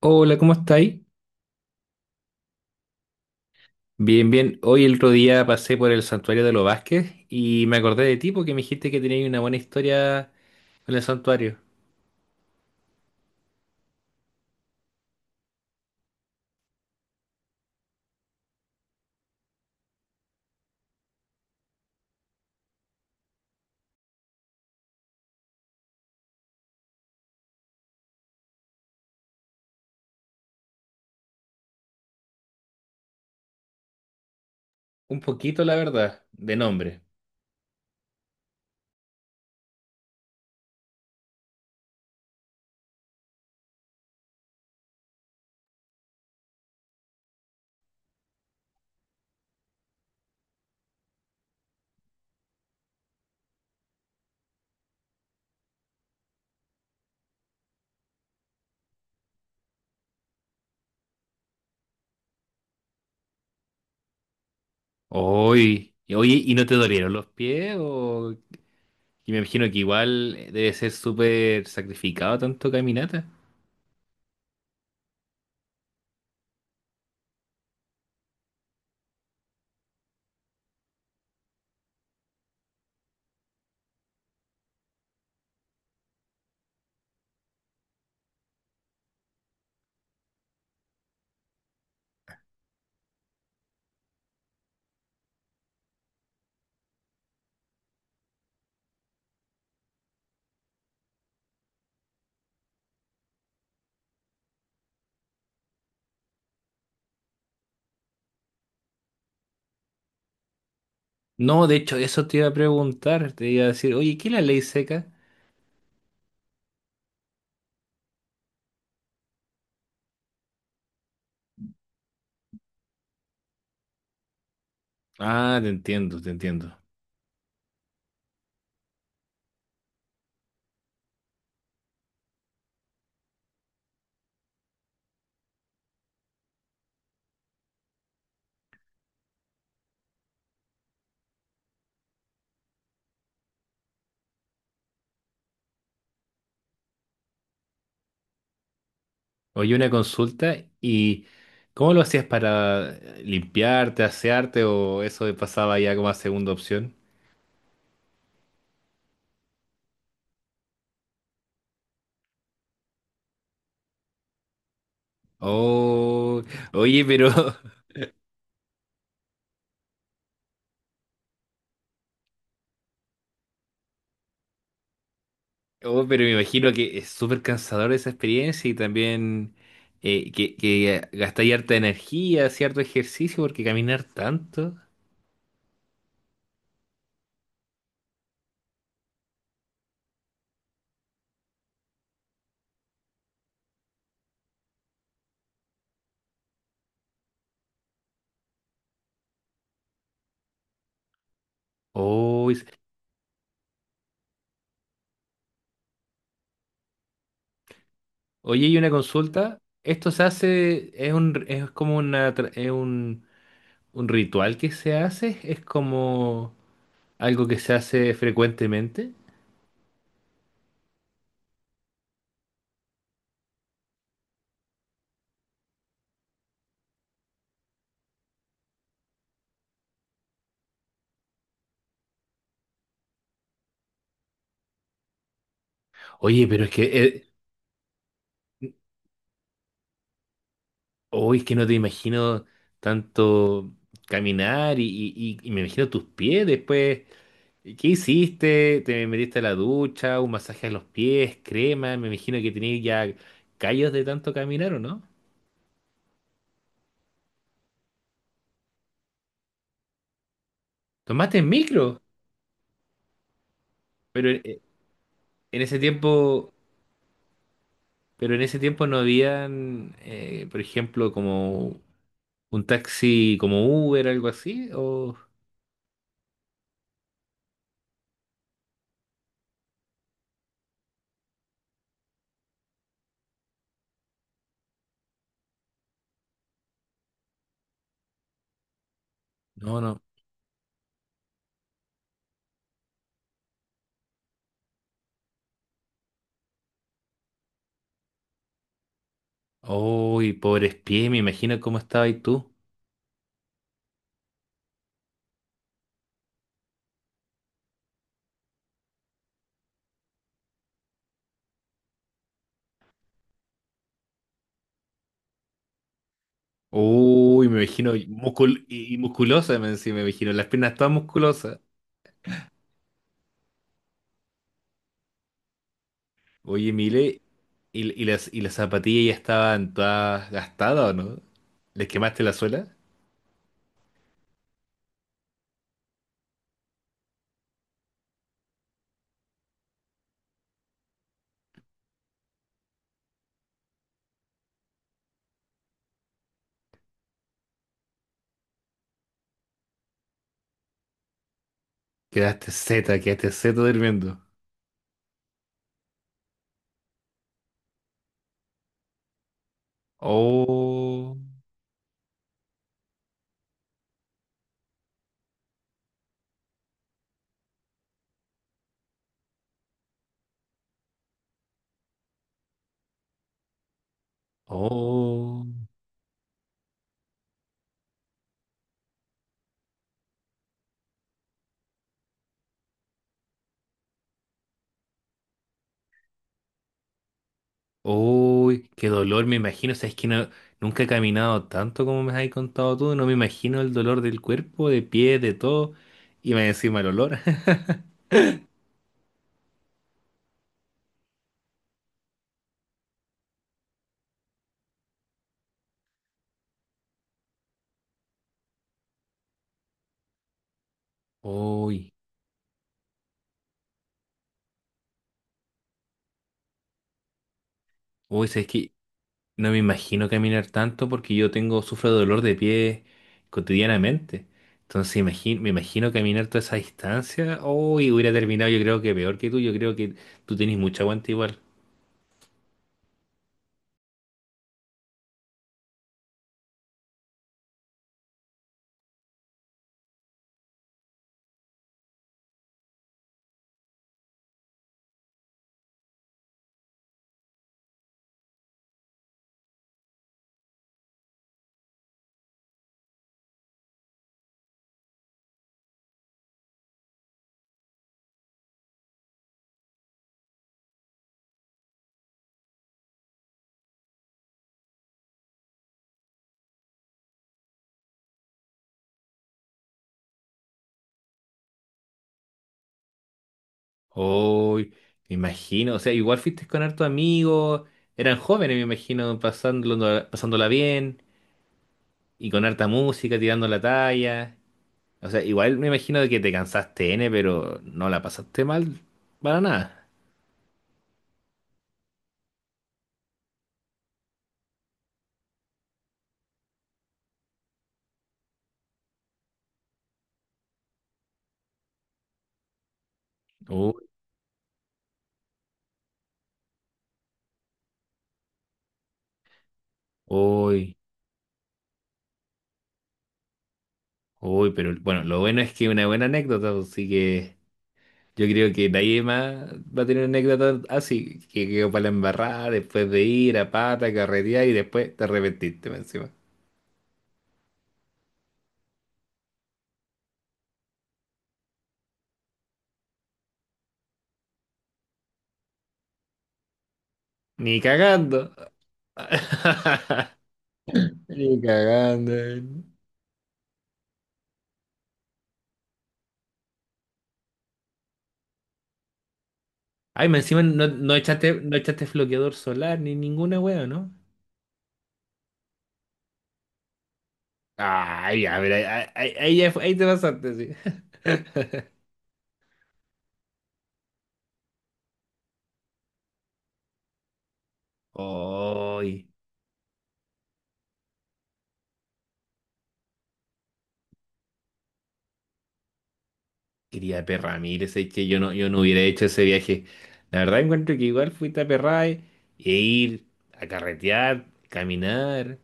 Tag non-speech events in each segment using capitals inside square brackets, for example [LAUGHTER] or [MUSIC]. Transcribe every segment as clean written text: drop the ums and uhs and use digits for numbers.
Hola, ¿cómo estáis? Bien, bien. Hoy el otro día pasé por el santuario de los Vázquez y me acordé de ti porque me dijiste que tenías una buena historia con el santuario. Un poquito, la verdad, de nombre. Hoy, oye, ¿y no te dolieron los pies? O... Y me imagino que igual debe ser súper sacrificado tanto caminata. No, de hecho, eso te iba a preguntar. Te iba a decir, oye, ¿qué es la ley seca? Ah, te entiendo, te entiendo. Oye, una consulta, ¿y cómo lo hacías para limpiarte, asearte o eso de pasaba ya como a segunda opción? Oh, oye, pero, [LAUGHS] oh, pero me imagino que es súper cansador esa experiencia y también que gastáis harta energía, cierto ejercicio, porque caminar tanto. Oh, es- oye, y una consulta, ¿esto se hace, es un, es como una, tra- es un ritual que se hace? ¿Es como... algo que se hace frecuentemente? Oye, pero es que, eh, hoy es que no te imagino tanto caminar y, y me imagino tus pies después. ¿Qué hiciste? ¿Te metiste a la ducha? ¿Un masaje a los pies? ¿Crema? Me imagino que tenías ya callos de tanto caminar, ¿o no? ¿Tomaste el micro? Pero en ese tiempo, pero en ese tiempo no habían, por ejemplo, como un taxi como Uber, algo así, o... No, no. Uy, pobres pies, me imagino cómo estaba ahí tú. Uy, me imagino muscul y musculosa, me encima, me imagino, las piernas todas musculosas. Oye, Mile, y las zapatillas ya estaban todas gastadas o no? ¿Les quemaste la suela? Quedaste zeta durmiendo. Oh, oh. Uy, qué dolor, me imagino. Sabes que no, nunca he caminado tanto como me has contado tú. No me imagino el dolor del cuerpo, de pie, de todo. Y me encima el olor. [LAUGHS] Uy, uy, sabes que no me imagino caminar tanto porque yo tengo, sufro de dolor de pie cotidianamente. Entonces imagi- me imagino caminar toda esa distancia. Uy, hubiera terminado yo creo que peor que tú. Yo creo que tú tenés mucho aguante igual. Uy, me imagino, o sea, igual fuiste con harto amigos, eran jóvenes, me imagino, pasándolo, pasándola bien y con harta música, tirando la talla. O sea, igual me imagino de que te cansaste N, pero no la pasaste mal para nada. Uy, uy, uy, pero bueno, lo bueno es que es una buena anécdota, así que yo creo que nadie más va a tener anécdota así, que quedó para la embarrada después de ir a pata, carretear y después te arrepentiste más encima. Ni cagando. [LAUGHS] Ni cagando. Ay, me encima no, no echaste, no echaste bloqueador solar ni ninguna wea, ¿no? Ay, a ver, ahí, ahí, ahí te pasaste, sí. [LAUGHS] Ay, quería perra, mire, es que yo no, yo no hubiera hecho ese viaje. La verdad encuentro que igual fuiste a Perray e ir a carretear, caminar,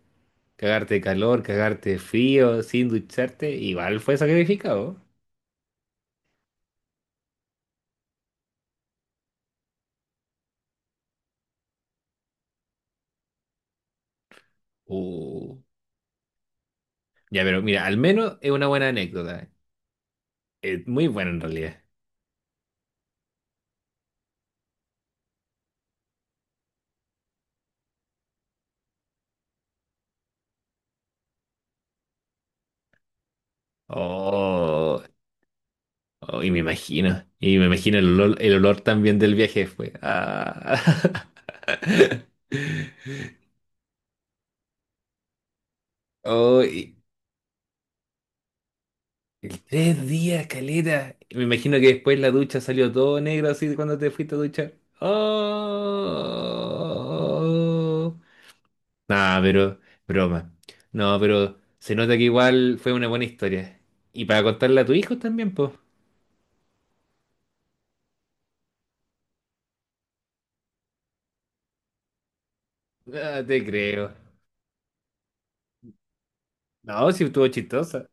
cagarte de calor, cagarte de frío, sin ducharte, igual fue sacrificado. Uh. Ya, pero mira, al menos es una buena anécdota. Es muy bueno en realidad. Oh, oh, y me imagino. Y me imagino el olor también del viaje fue. Ah. [LAUGHS] Oh, y- y 3 días, caleta. Y me imagino que después la ducha salió todo negro así de cuando te fuiste a duchar. Oh. Nah, pero broma. No, pero se nota que igual fue una buena historia. Y para contarla a tu hijo también, pues. Ah, te creo. No, si estuvo chistosa.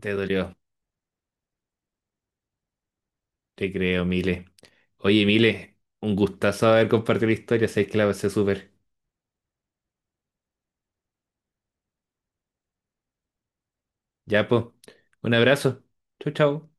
Te dolió. Te creo, Mile. Oye, Mile, un gustazo haber compartido la historia. Sabéis que la pasé súper. Ya, po. Un abrazo. Chau, chau.